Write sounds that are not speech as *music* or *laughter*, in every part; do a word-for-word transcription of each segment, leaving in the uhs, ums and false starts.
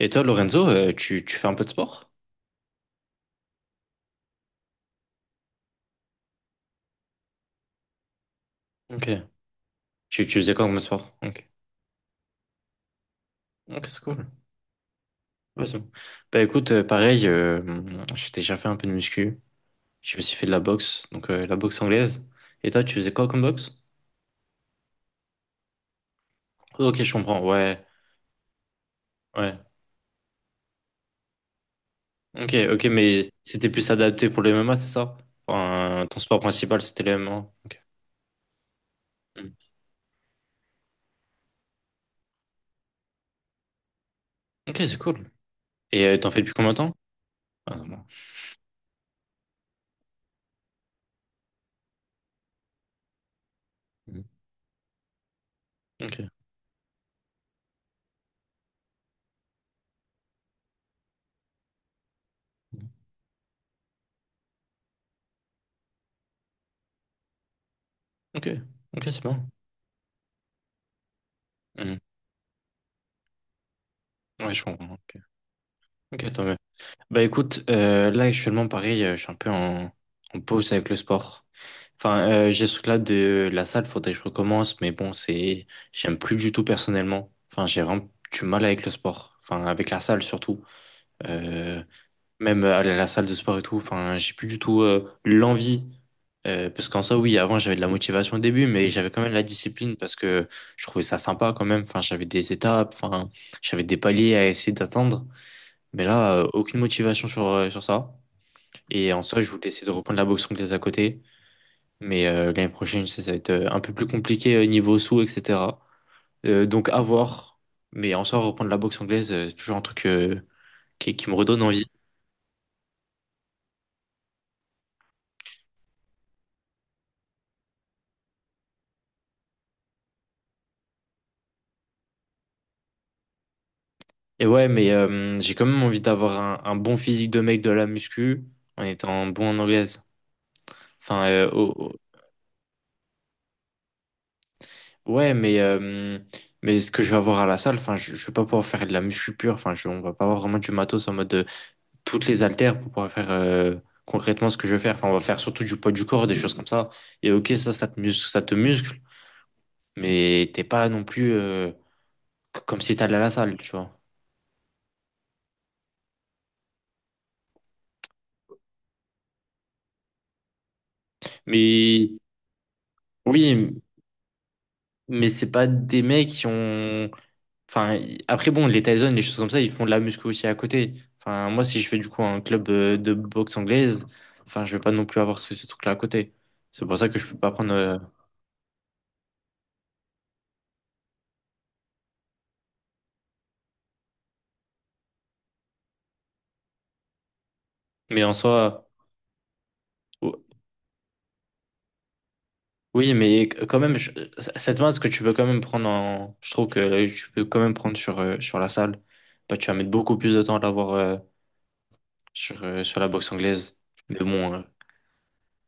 Et toi, Lorenzo, euh, tu, tu fais un peu de sport? Ok. Tu, tu faisais quoi comme sport? Ok. Ok, c'est cool. Ouais, c'est bon. Bah écoute, euh, pareil, euh, j'ai déjà fait un peu de muscu. J'ai aussi fait de la boxe, donc euh, la boxe anglaise. Et toi, tu faisais quoi comme boxe? Ok, je comprends. Ouais, ouais. Ok, ok, mais c'était plus adapté pour le M M A, c'est ça? Enfin, ton sport principal, c'était le M M A. Ok. Mm. Ok, c'est cool. Et euh, t'en fais depuis combien de temps? Ah, non, non. Mm. Ok. Mm. Ok, ok, c'est bon. Mm. Ouais, je comprends. Ok, ok, tant mieux. Bah écoute, euh, là actuellement pareil, euh, je suis un peu en, en pause avec le sport. Enfin, euh, j'ai ce truc-là de la salle, faudrait que je recommence, mais bon, c'est, j'aime plus du tout personnellement. Enfin, j'ai vraiment du mal avec le sport. Enfin, avec la salle surtout. Euh, Même aller à la salle de sport et tout. Enfin, j'ai plus du tout euh, l'envie. Euh, parce qu'en soi, oui, avant j'avais de la motivation au début, mais j'avais quand même la discipline parce que je trouvais ça sympa quand même. Enfin, j'avais des étapes, enfin, j'avais des paliers à essayer d'atteindre. Mais là, euh, aucune motivation sur, euh, sur ça. Et en soi, je voulais essayer de reprendre la boxe anglaise à côté. Mais euh, l'année prochaine, ça, ça va être euh, un peu plus compliqué euh, niveau sous, et cetera. Euh, donc à voir. Mais en soi, reprendre la boxe anglaise, euh, c'est toujours un truc euh, qui, qui me redonne envie. Et ouais, mais euh, j'ai quand même envie d'avoir un, un bon physique de mec de la muscu en étant bon en anglaise. Enfin, euh, au- au- ouais, mais, euh, mais ce que je vais avoir à la salle, enfin, je, je vais pas pouvoir faire de la muscu pure. Enfin, je, on va pas avoir vraiment du matos en mode, euh, toutes les haltères pour pouvoir faire euh, concrètement ce que je veux faire. Enfin, on va faire surtout du poids du corps, des choses comme ça. Et ok, ça, ça te muscle, ça te muscle, mais t'es pas non plus euh, c- comme si t'allais à la salle, tu vois. Mais oui, mais c'est pas des mecs qui ont. Enfin, y- après, bon, les Tyson, les choses comme ça, ils font de la muscu aussi à côté. Enfin, moi, si je fais du coup un club euh, de boxe anglaise, enfin, je vais pas non plus avoir ce, ce truc-là à côté. C'est pour ça que je peux pas prendre. euh, Mais en soi. Oui, mais quand même, je- cette masse que tu peux quand même prendre en. Je trouve que euh, tu peux quand même prendre sur, euh, sur la salle. Bah, tu vas mettre beaucoup plus de temps à l'avoir euh, sur, euh, sur la boxe anglaise. Mais bon, euh,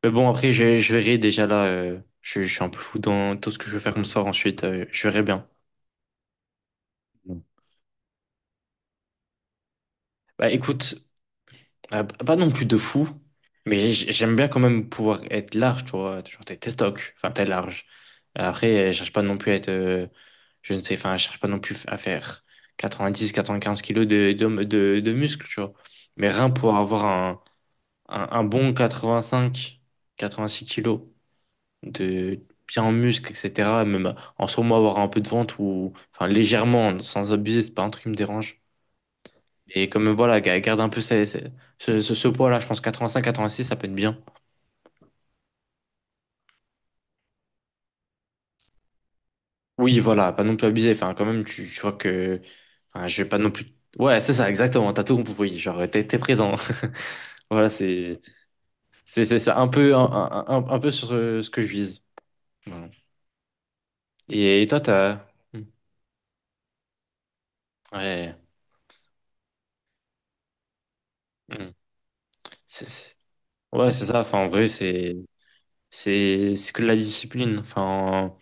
mais bon après, je, je verrai déjà là. euh, je, Je suis un peu fou dans tout ce que je vais faire comme soir ensuite. Euh, je verrai bien. Mm. Bah écoute, euh, pas non plus de fou, mais j'ai- j'aime bien quand même pouvoir être large, tu vois. Genre, t'es t'es stock, enfin, t'es large. Après, euh, je cherche pas non plus à être, euh, je ne sais, enfin, je cherche pas non plus à faire quatre-vingt-dix, quatre-vingt-quinze kilos de, de, de, de muscles, tu vois. Mais rien pour avoir un, un, un bon quatre-vingt-cinq, quatre-vingt-six kilos de bien en muscles, et cetera. Même en sûrement avoir un peu de ventre ou, enfin, légèrement, sans abuser, c'est pas un truc qui me dérange. Et comme, voilà, ga- garde un peu ces- ces- ce, ce, ce poids-là, je pense quatre-vingt-cinq, quatre-vingt-six, ça peut être bien. Oui, voilà, pas non plus abusé. Enfin, quand même, tu, tu vois que. Enfin, je vais pas non plus. Ouais, c'est ça, exactement. T'as tout compris. Genre, t'es, t'es présent. *laughs* Voilà, c'est, c'est, c'est ça. Un peu, un, un- un- un peu sur euh, ce que je vise. Voilà. Et, et toi, t'as. Hmm. Ouais. Hmm. C'est, c'est- Ouais, c'est ça. Enfin, en vrai, c'est. C'est c'est que de la discipline. Enfin,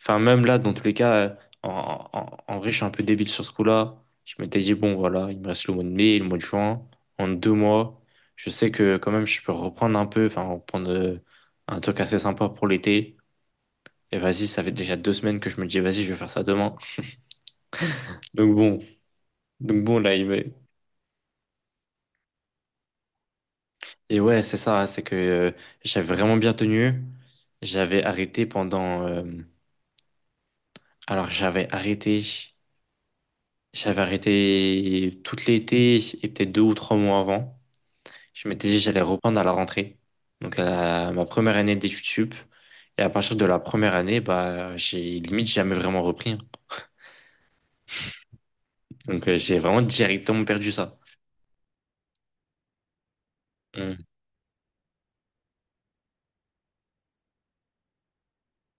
enfin, même là, dans tous les cas, euh, en, en, en vrai, je suis un peu débile sur ce coup-là. Je m'étais dit, bon, voilà, il me reste le mois de mai et le mois de juin. En deux mois, je sais que quand même, je peux reprendre un peu, enfin, reprendre euh, un truc assez sympa pour l'été. Et vas-y, ça fait déjà deux semaines que je me dis, vas-y, je vais faire ça demain. Donc bon, donc bon, là, il me- et ouais, c'est ça, c'est que euh, j'avais vraiment bien tenu. J'avais arrêté pendant... euh, alors, j'avais arrêté. J'avais arrêté tout l'été et peut-être deux ou trois mois avant. Je m'étais dit que j'allais reprendre à la rentrée. Donc à la- ma première année d'études sup. Et à partir de la première année, bah j'ai limite jamais vraiment repris, hein. Donc euh, j'ai vraiment directement perdu ça. Mm.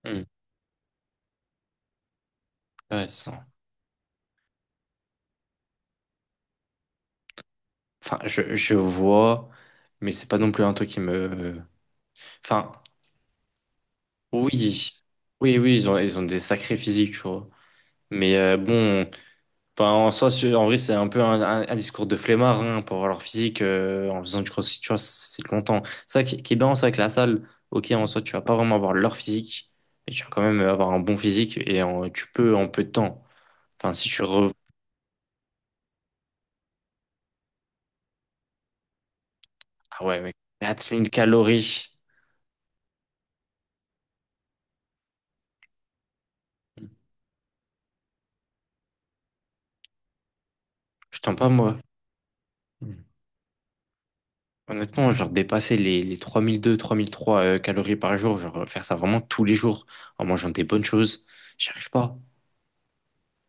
Mm. Ouais, c'est ça. Enfin, je, je vois, mais c'est pas non plus un truc qui me. Enfin, oui, oui, oui, ils ont, ils ont des sacrés physiques, tu vois. Mais euh, bon. Enfin, en soi, c'est- en vrai, c'est un peu un, un- un discours de flemmard, hein, pour avoir leur physique euh, en faisant du crossfit, tu vois, c'est longtemps. C'est ça qui, qui est bien, c'est avec la salle. Ok, en soi, tu vas pas vraiment avoir leur physique, mais tu vas quand même avoir un bon physique et en- tu peux en peu de temps. Enfin, si tu re... Ah ouais, mec, quatre mille calories, je tends pas, moi. Honnêtement, genre dépasser les, les trois mille deux, trois mille trois euh, calories par jour, genre euh, faire ça vraiment tous les jours en mangeant des bonnes choses, j'y arrive pas.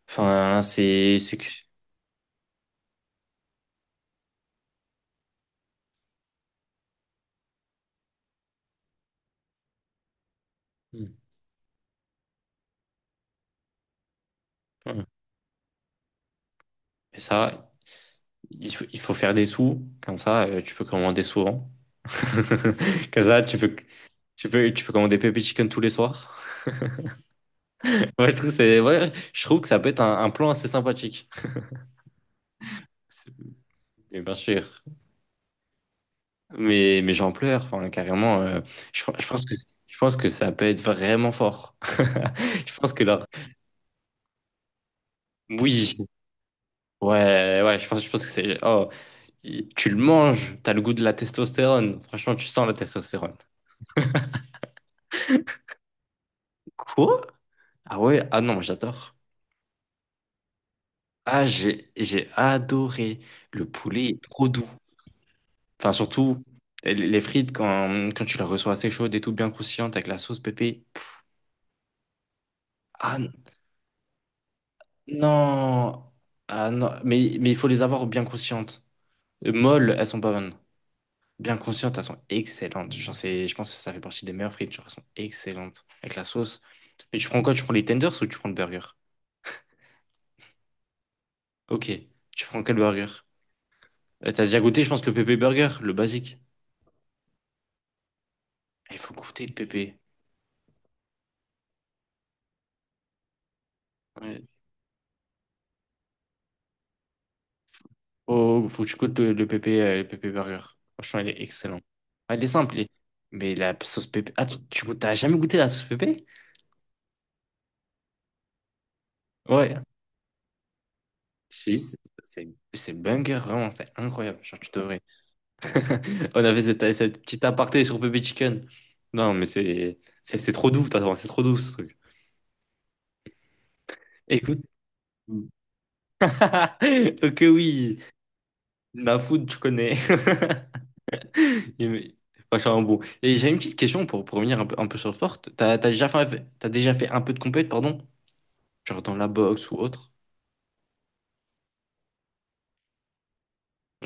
Enfin, c'est... c'est que... Ouais. Et ça, il faut, il faut faire des sous. Comme ça, euh, tu peux commander souvent. *laughs* Comme ça, tu peux, tu peux, tu peux commander Pepper Chicken tous les soirs. *laughs* Ouais, je trouve que c'est, ouais, je trouve que ça peut être un, un plan assez sympathique. C'est- et bien sûr. Mais, mais j'en pleure, enfin, carrément. euh, je, je pense que, je pense que ça peut être vraiment fort. *laughs* Je pense que leur... Oui. Ouais, ouais, je pense, je pense que c'est... Oh, y- tu le manges, t'as le goût de la testostérone. Franchement, tu sens la testostérone. Quoi? Ah ouais, ah non, j'adore. Ah, j'ai, j'ai adoré. Le poulet est trop doux. Enfin, surtout, les les frites, quand, quand tu les reçois assez chaudes et tout bien croustillantes avec la sauce pépé. Pff, ah n- non! Ah non! Mais, mais il faut les avoir bien croustillantes. Euh, Molles, elles sont pas bonnes. Bien croustillantes, elles sont excellentes. Genre, c'est, je pense que ça fait partie des meilleures frites. Genre, elles sont excellentes avec la sauce. Mais tu prends quoi? Tu prends les tenders ou tu prends le burger? Ok. Tu prends quel burger? Euh, T'as déjà goûté, je pense, le pépé burger, le basique. Ah, il faut goûter le pépé. Ouais. Oh, faut que tu goûtes le, le pépé, euh, le pépé burger. Franchement, il est excellent. Ah, il est simple, il est- mais la sauce pépé. Ah, tu, tu goûtes- t'as jamais goûté la sauce pépé? Ouais. Je te dis, C'est c'est- c'est banger, vraiment, c'est incroyable. Genre, tu devrais. *laughs* On avait cette, cette petite aparté sur pépé chicken. Non, mais c'est c'est c'est trop doux, t'as- c'est trop doux ce truc. Écoute. *laughs* Ok, oui. La food, tu connais. *laughs* Il- Vachement bon. Et j'ai une petite question pour, pour revenir un peu, un peu sur le sport. T'as, t'as déjà fait, t'as déjà fait un peu de compète, pardon? Genre dans la boxe ou autre?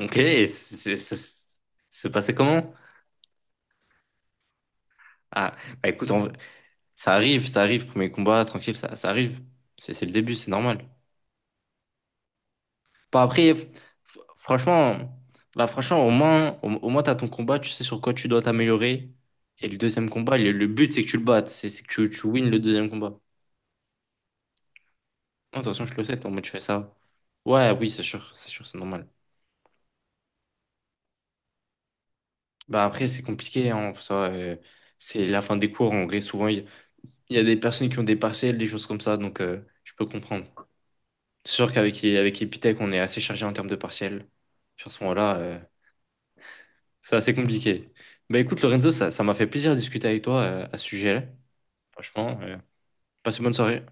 Ok, c'est c'est- c'est- c'est passé comment? Ah, bah écoute, en vrai, ça arrive, ça arrive, premier combat, tranquille, ça, ça arrive. C'est c'est le début, c'est normal. Pas après, f- franchement, bah franchement, au moins, au, au moins t'as ton combat, tu sais sur quoi tu dois t'améliorer. Et le deuxième combat, le, le but, c'est que tu le battes, c'est c'est que tu, tu wins le deuxième combat. Non, de toute façon, je le sais, ton mode, tu fais ça. Ouais, oui, c'est sûr, c'est sûr, c'est normal. Bah après, c'est compliqué, hein, ça, euh, c'est la fin des cours, en vrai, souvent, il il y a des personnes qui ont des partiels, des choses comme ça, donc euh, je peux comprendre. C'est sûr qu'avec avec Epitech, on est assez chargé en termes de partiels. Sur ce moment-là, euh, c'est assez compliqué. Bah écoute, Lorenzo, ça, ça m'a fait plaisir de discuter avec toi euh, à ce sujet-là. Franchement, euh, passe une bonne soirée.